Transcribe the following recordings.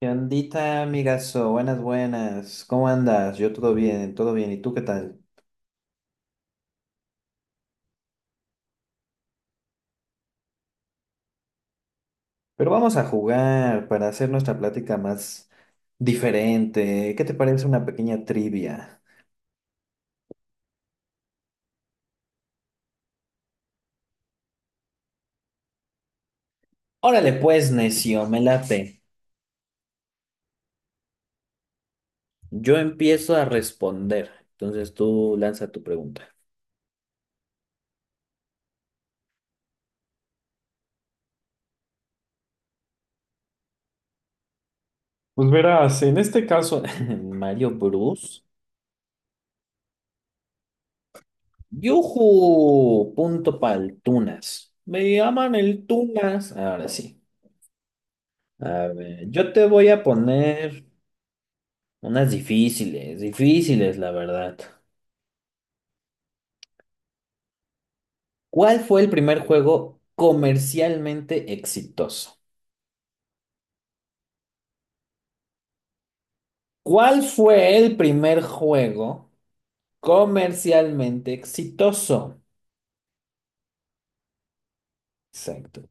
¿Qué ondita, amigazo? Buenas, buenas. ¿Cómo andas? Yo todo bien, todo bien. ¿Y tú qué tal? Pero vamos a jugar para hacer nuestra plática más diferente. ¿Qué te parece una pequeña trivia? Órale pues, necio, me late. Yo empiezo a responder. Entonces tú lanza tu pregunta. Pues verás, en este caso, Mario Bruce. ¡Yujú! Punto pa'l Tunas. Me llaman el Tunas. Ahora sí. A ver, yo te voy a poner unas difíciles, difíciles, la verdad. ¿Cuál fue el primer juego comercialmente exitoso? ¿Cuál fue el primer juego comercialmente exitoso? Exacto.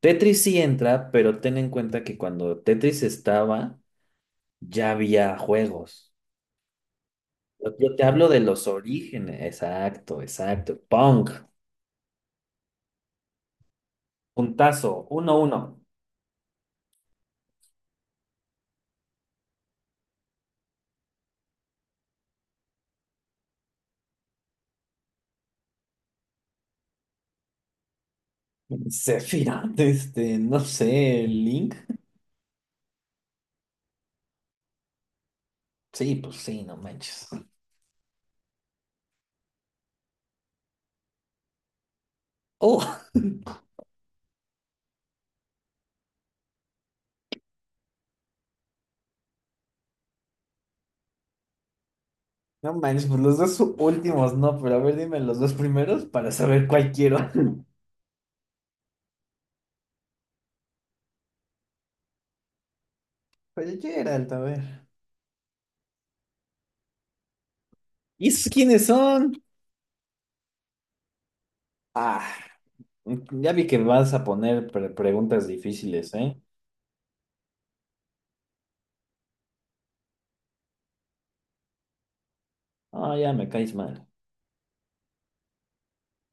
Tetris sí entra, pero ten en cuenta que cuando Tetris estaba, ya había juegos. Yo te hablo de los orígenes. Exacto, exacto. Pong. Puntazo. 1-1. Sefira. Este, no sé, Link. Sí, pues sí, no manches. Oh, no manches, pues los dos últimos no, pero a ver, dime los dos primeros para saber cuál quiero. Oye, Geralt, a ver. ¿Y esos quiénes son? Ah, ya vi que me vas a poner preguntas difíciles, ¿eh? Ah, ya me caes mal.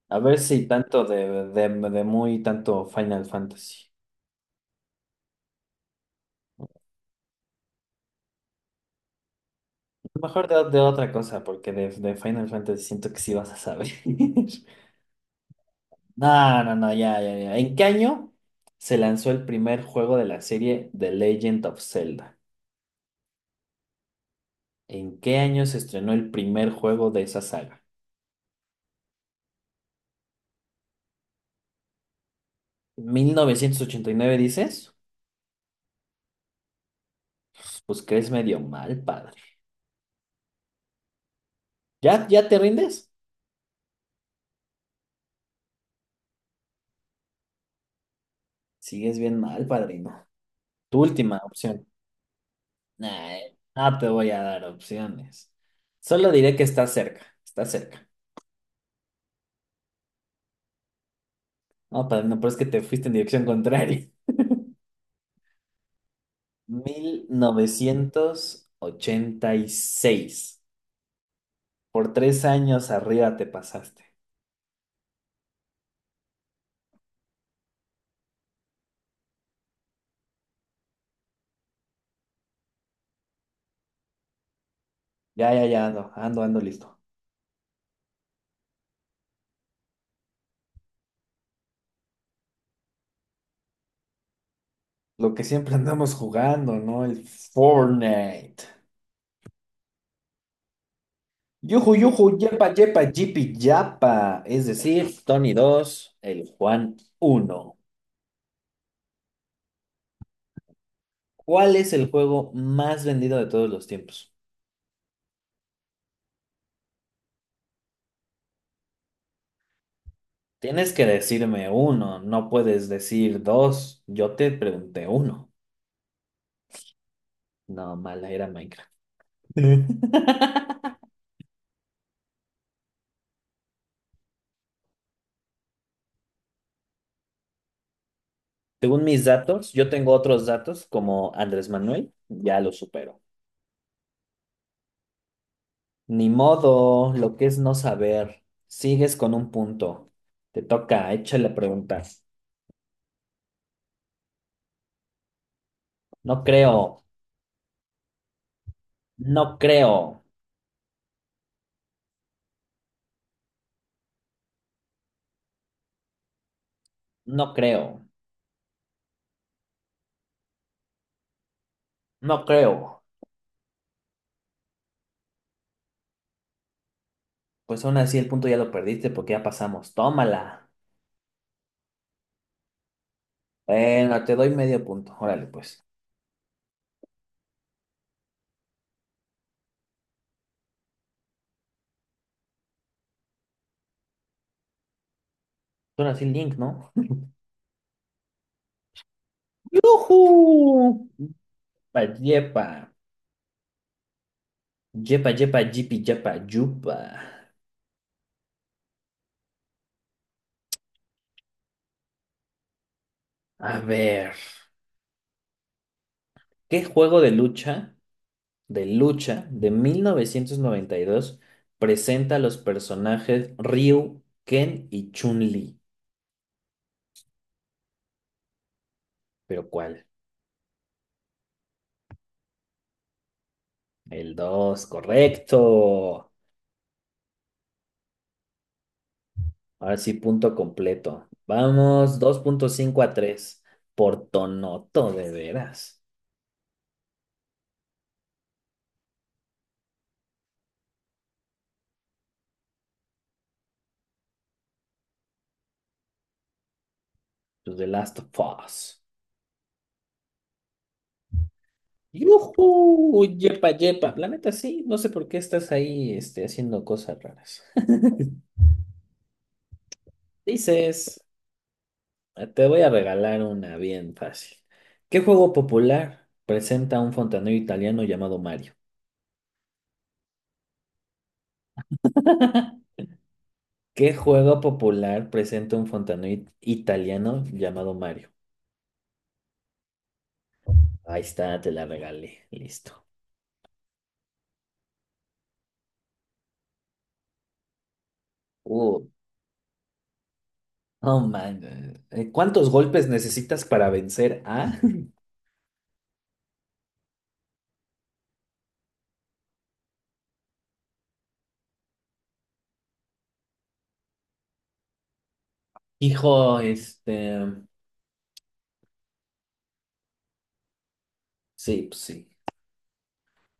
A ver si tanto de muy tanto Final Fantasy. Mejor de otra cosa, porque de Final Fantasy siento que sí vas a saber. No, no, no, ya, ya, ya. ¿En qué año se lanzó el primer juego de la serie The Legend of Zelda? ¿En qué año se estrenó el primer juego de esa saga? ¿1989 dices? Pues crees medio mal, padre. ¿Ya, ya te rindes? Sigues bien mal, padrino. Tu última opción. Nah, no te voy a dar opciones. Solo diré que está cerca, está cerca. No, padrino, pero es que te fuiste en dirección contraria. 1986. Por 3 años arriba te pasaste. Ya, ya, ya ando, ando, ando listo. Lo que siempre andamos jugando, ¿no? El Fortnite. Yuju, yuju, yepa, yepa, yipi, yapa. Es decir, Tony 2, el Juan uno. ¿Cuál es el juego más vendido de todos los tiempos? Tienes que decirme uno, no puedes decir dos. Yo te pregunté uno. No, mala, era Minecraft. Según mis datos, yo tengo otros datos como Andrés Manuel, ya lo supero. Ni modo, lo que es no saber. Sigues con un punto. Te toca, échale preguntas. No creo, no creo, no creo, no creo. Pues aún así el punto ya lo perdiste porque ya pasamos. Tómala. Bueno, te doy medio punto. Órale, pues. Ahora así Link, ¿no? ¡Yujú! Yepa, yepa. Yepa, yepa, yipi, yepa, yupa. A ver. ¿Qué juego de lucha? De 1992 presenta a los personajes Ryu, Ken y Chun-Li? ¿Pero cuál? El 2 correcto. Ahora sí, punto completo. Vamos, dos punto cinco a tres. Por Tonoto, de veras. To The Last of Us. ¡Yujú! Yepa, yepa. La neta, sí. No sé por qué estás ahí este, haciendo cosas raras. Dices. Te voy a regalar una bien fácil. ¿Qué juego popular presenta un fontanero italiano llamado Mario? ¿Qué juego popular presenta un fontanero italiano llamado Mario? Ahí está, te la regalé. Listo. Uh, oh man. ¿Cuántos golpes necesitas para vencer a? Hijo, este. Sí, pues sí.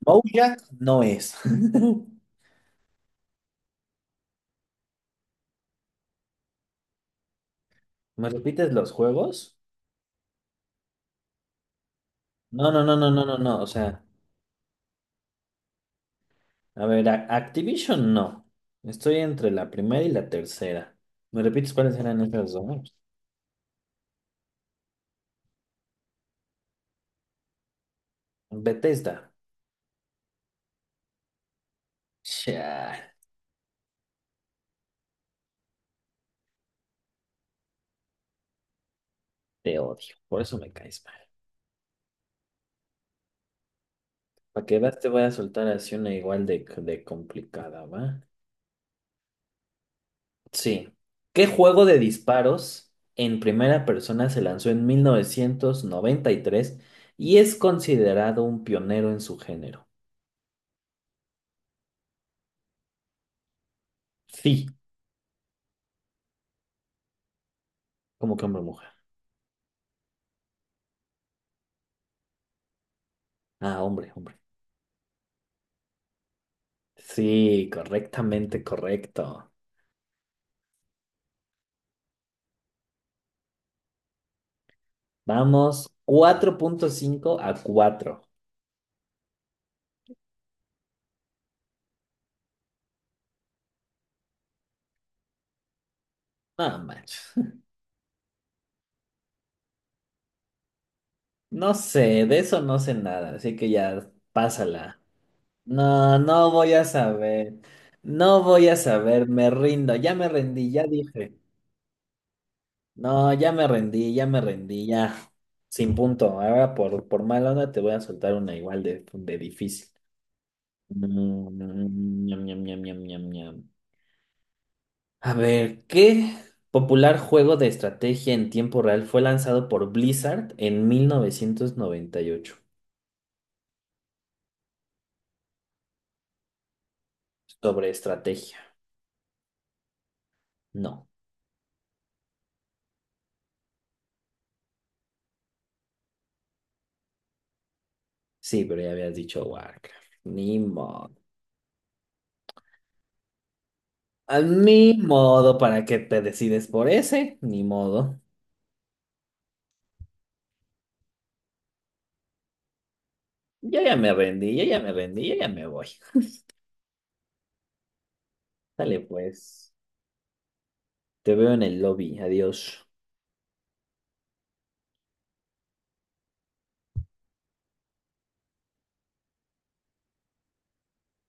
Bojack no es. ¿Me repites los juegos? No, no, no, no, no, no, no. O sea. A ver, Activision no. Estoy entre la primera y la tercera. ¿Me repites cuáles eran esas dos? Bethesda. Chale, te odio. Por eso me caes mal. Para que veas, te voy a soltar así una igual de complicada, ¿va? Sí. ¿Qué juego de disparos en primera persona se lanzó en 1993 y tres y es considerado un pionero en su género? Sí. ¿Cómo que hombre o mujer? Ah, hombre, hombre. Sí, correctamente correcto. Vamos, cuatro punto cinco a cuatro. No manches. No sé, de eso no sé nada, así que ya pásala. No, no voy a saber. No voy a saber, me rindo, ya me rendí, ya dije. No, ya me rendí, ya me rendí, ya. Sin punto. Ahora por mala onda te voy a soltar una igual de difícil. Mm, ñam, ñam, ñam, ñam, ñam, ñam. A ver, ¿qué popular juego de estrategia en tiempo real fue lanzado por Blizzard en 1998? Sobre estrategia. No. Sí, pero ya habías dicho Warcraft. Ni modo. A, ni modo para que te decides por ese. Ni modo. Yo ya me rendí, yo ya me rendí, yo ya me voy. Dale pues. Te veo en el lobby. Adiós.